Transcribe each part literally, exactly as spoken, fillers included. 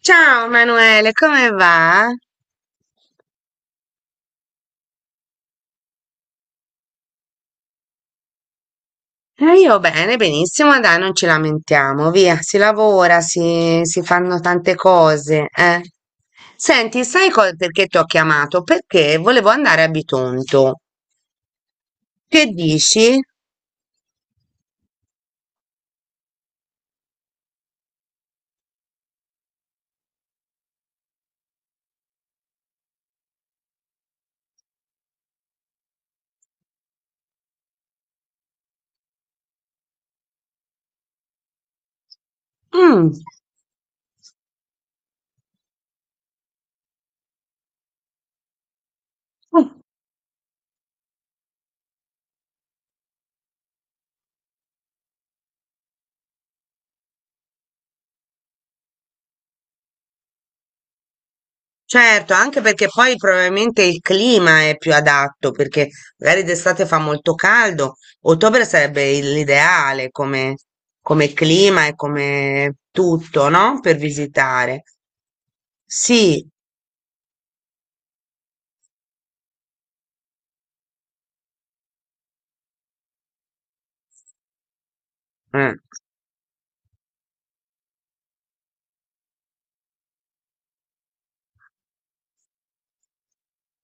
Ciao Manuele, come va? Eh, io bene, benissimo, dai, non ci lamentiamo, via, si lavora, si, si fanno tante cose. eh. Senti, sai, co- perché ti ho chiamato? Perché volevo andare a Bitonto. Che dici? Mm, certo, anche perché poi probabilmente il clima è più adatto, perché magari d'estate fa molto caldo, ottobre sarebbe il- l'ideale come, come clima e come tutto, no? Per visitare. Sì, eh,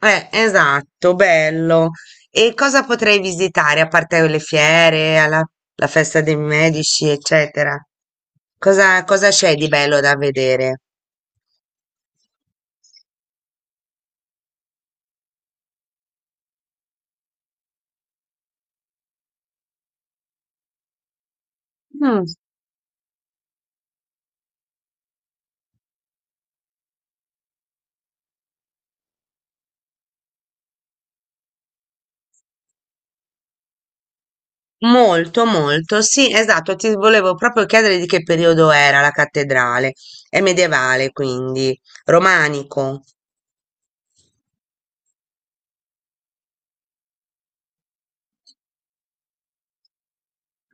eh, esatto, bello. E cosa potrei visitare a parte le fiere, alla, la festa dei medici, eccetera? Cosa, cosa c'è di bello da vedere? Mm. Molto, molto. Sì, esatto. Ti volevo proprio chiedere di che periodo era la cattedrale. È medievale, quindi romanico.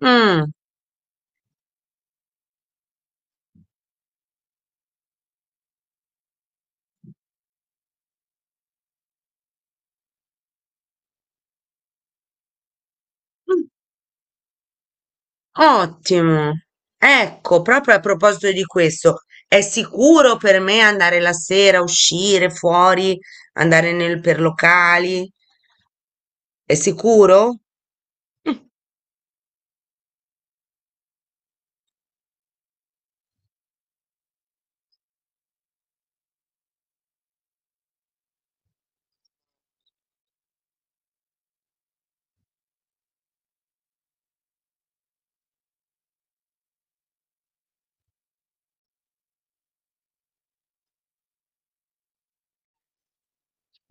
Mm. Ottimo. Ecco, proprio a proposito di questo, è sicuro per me andare la sera, uscire fuori, andare nel- per locali? È sicuro?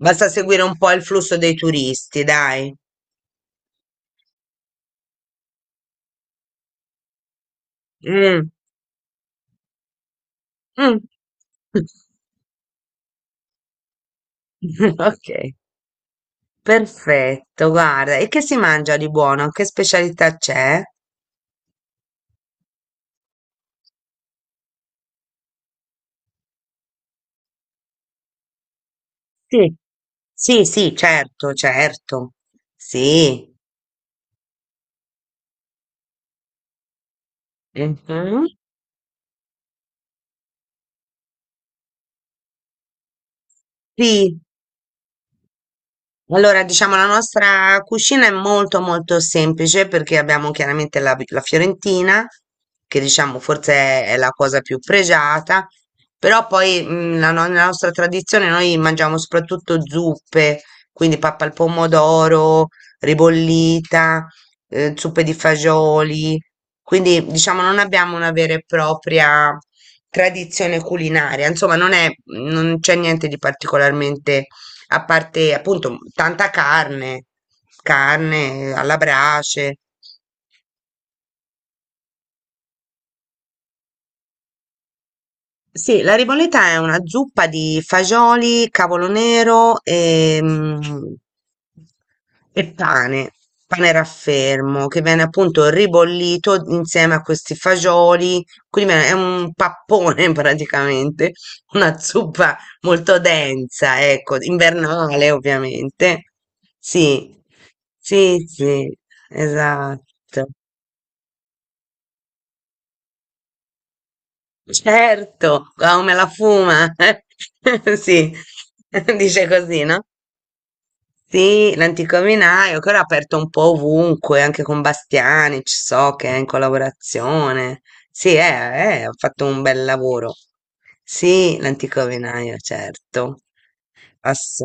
Basta seguire un po' il flusso dei turisti, dai. Mm, mm. Ok, perfetto, guarda. E che si mangia di buono? Che specialità c'è? Sì, sì, sì, certo, certo. Sì. Mhm. Sì. Allora, diciamo, la nostra cucina è molto molto semplice perché abbiamo chiaramente la, la fiorentina, che diciamo forse è, è la cosa più pregiata, però poi mh, la, no- nella nostra tradizione noi mangiamo soprattutto zuppe, quindi pappa al pomodoro, ribollita, eh, zuppe di fagioli, quindi diciamo non abbiamo una vera e propria tradizione culinaria, insomma non è, non c'è niente di particolarmente a parte appunto tanta carne, carne alla brace. Sì, la riboletta è una zuppa di fagioli, cavolo nero e, mm, e pane, pane raffermo, che viene appunto ribollito insieme a questi fagioli, quindi è un pappone praticamente, una zuppa molto densa, ecco, invernale ovviamente. Sì, sì, sì, esatto. Certo, come la fuma. Sì, dice così, no? Sì, l'antico vinaio, che ora è aperto un po' ovunque, anche con Bastiani, ci so che è in collaborazione. Sì, eh, eh, ha fatto un bel lavoro. Sì, l'antico vinaio, certo. Ass-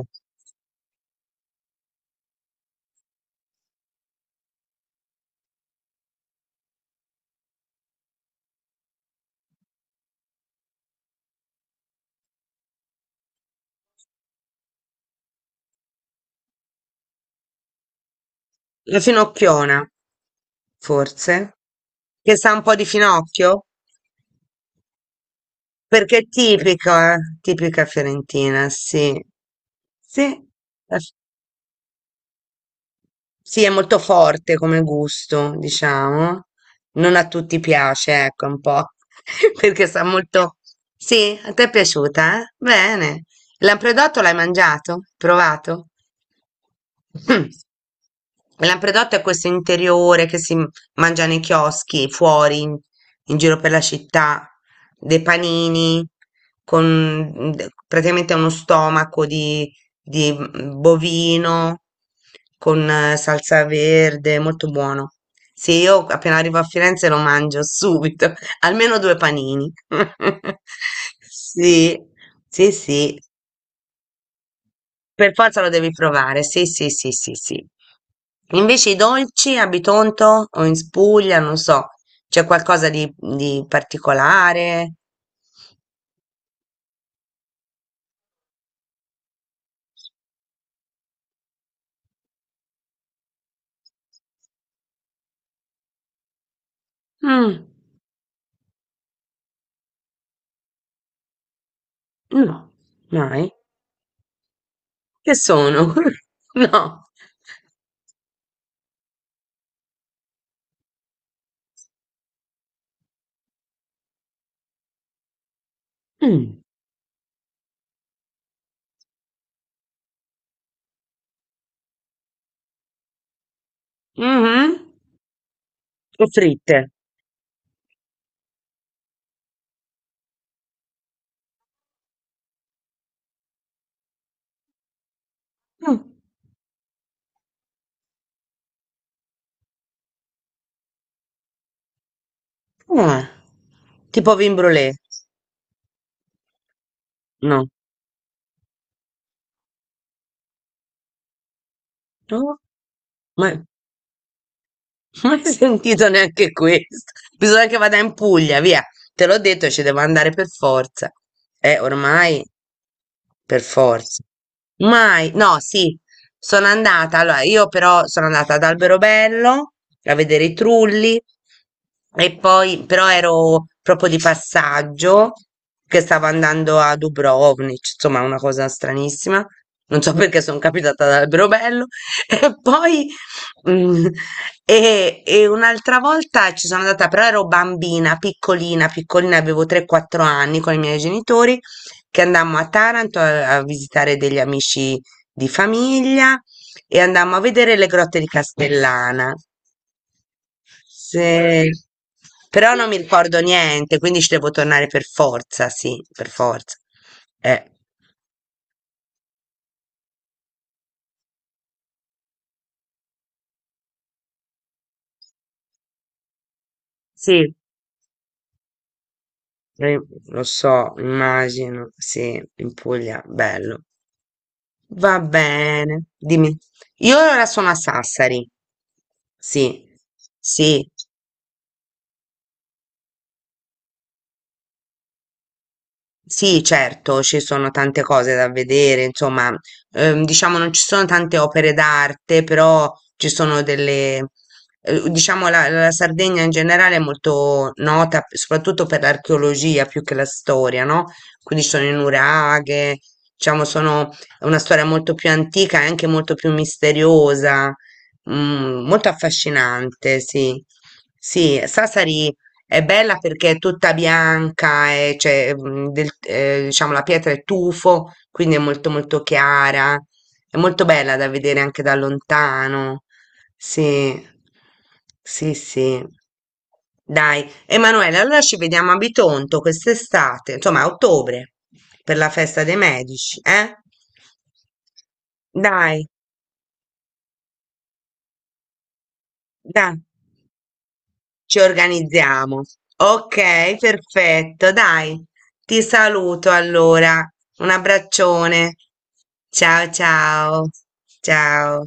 La Finocchiona, forse, che sa un po' di finocchio, perché è tipica, eh, tipica fiorentina, sì. Sì. Sì, è molto forte come gusto, diciamo. Non a tutti piace, ecco, un po', perché sa molto. Sì, a te è piaciuta, eh? Bene. Lampredotto l'hai mangiato? Provato? Mm. Il Lampredotto è questo interiore che si m- mangia nei chioschi, fuori, in, in giro per la città, dei panini, con mm, de- praticamente uno stomaco di di mm, bovino con eh, salsa verde, molto buono. Sì, io appena arrivo a Firenze lo mangio subito, almeno due panini. Sì, sì, sì, per forza lo devi provare. Sì, sì, sì, sì, sì. Invece i dolci a Bitonto o in Spuglia, non so, c'è qualcosa di, di particolare? Mm, no, mai. Che sono? No. Mm. Mh-mh. O fritte? Mh. Ah. Tipo vin brulé? No. No? Ma non hai sentito neanche questo. Bisogna che vada in Puglia, via. Te l'ho detto, ci devo andare per forza. Eh, ormai per forza. Mai, no, sì, sono andata. Allora, io però sono andata ad Alberobello a vedere i trulli e poi, però ero proprio di passaggio che stavo andando a Dubrovnik, insomma, una cosa stranissima. Non so perché sono capitata ad Alberobello e poi Mm. E, e un'altra volta ci sono andata, però ero bambina, piccolina, piccolina, avevo tre quattro anni con i miei genitori, che andammo a Taranto a, a visitare degli amici di famiglia e andammo a vedere le grotte di Castellana. Se- Però non mi ricordo niente, quindi ci devo tornare per forza, sì, per forza. Eh, sì, eh, lo so, immagino, sì, in Puglia, bello. Va bene, dimmi. Io ora sono a Sassari. Sì, sì, sì, certo, ci sono tante cose da vedere, insomma, ehm, diciamo non ci sono tante opere d'arte, però ci sono delle, eh, diciamo la, la Sardegna in generale è molto nota p- soprattutto per l'archeologia più che la storia, no? Quindi ci sono le nuraghe, diciamo sono è una storia molto più antica e anche molto più misteriosa, mm, molto affascinante, sì. Sì, Sassari. È bella perché è tutta bianca, è, cioè, mm, del- eh, diciamo la pietra è tufo, quindi è molto molto chiara. È molto bella da vedere anche da lontano. Sì, sì, sì. Dai, Emanuele, allora ci vediamo a Bitonto quest'estate, insomma a ottobre, per la festa dei medici, eh? Dai, dai. Ci organizziamo. Ok, perfetto, dai. Ti saluto allora. Un abbraccione. Ciao ciao. Ciao.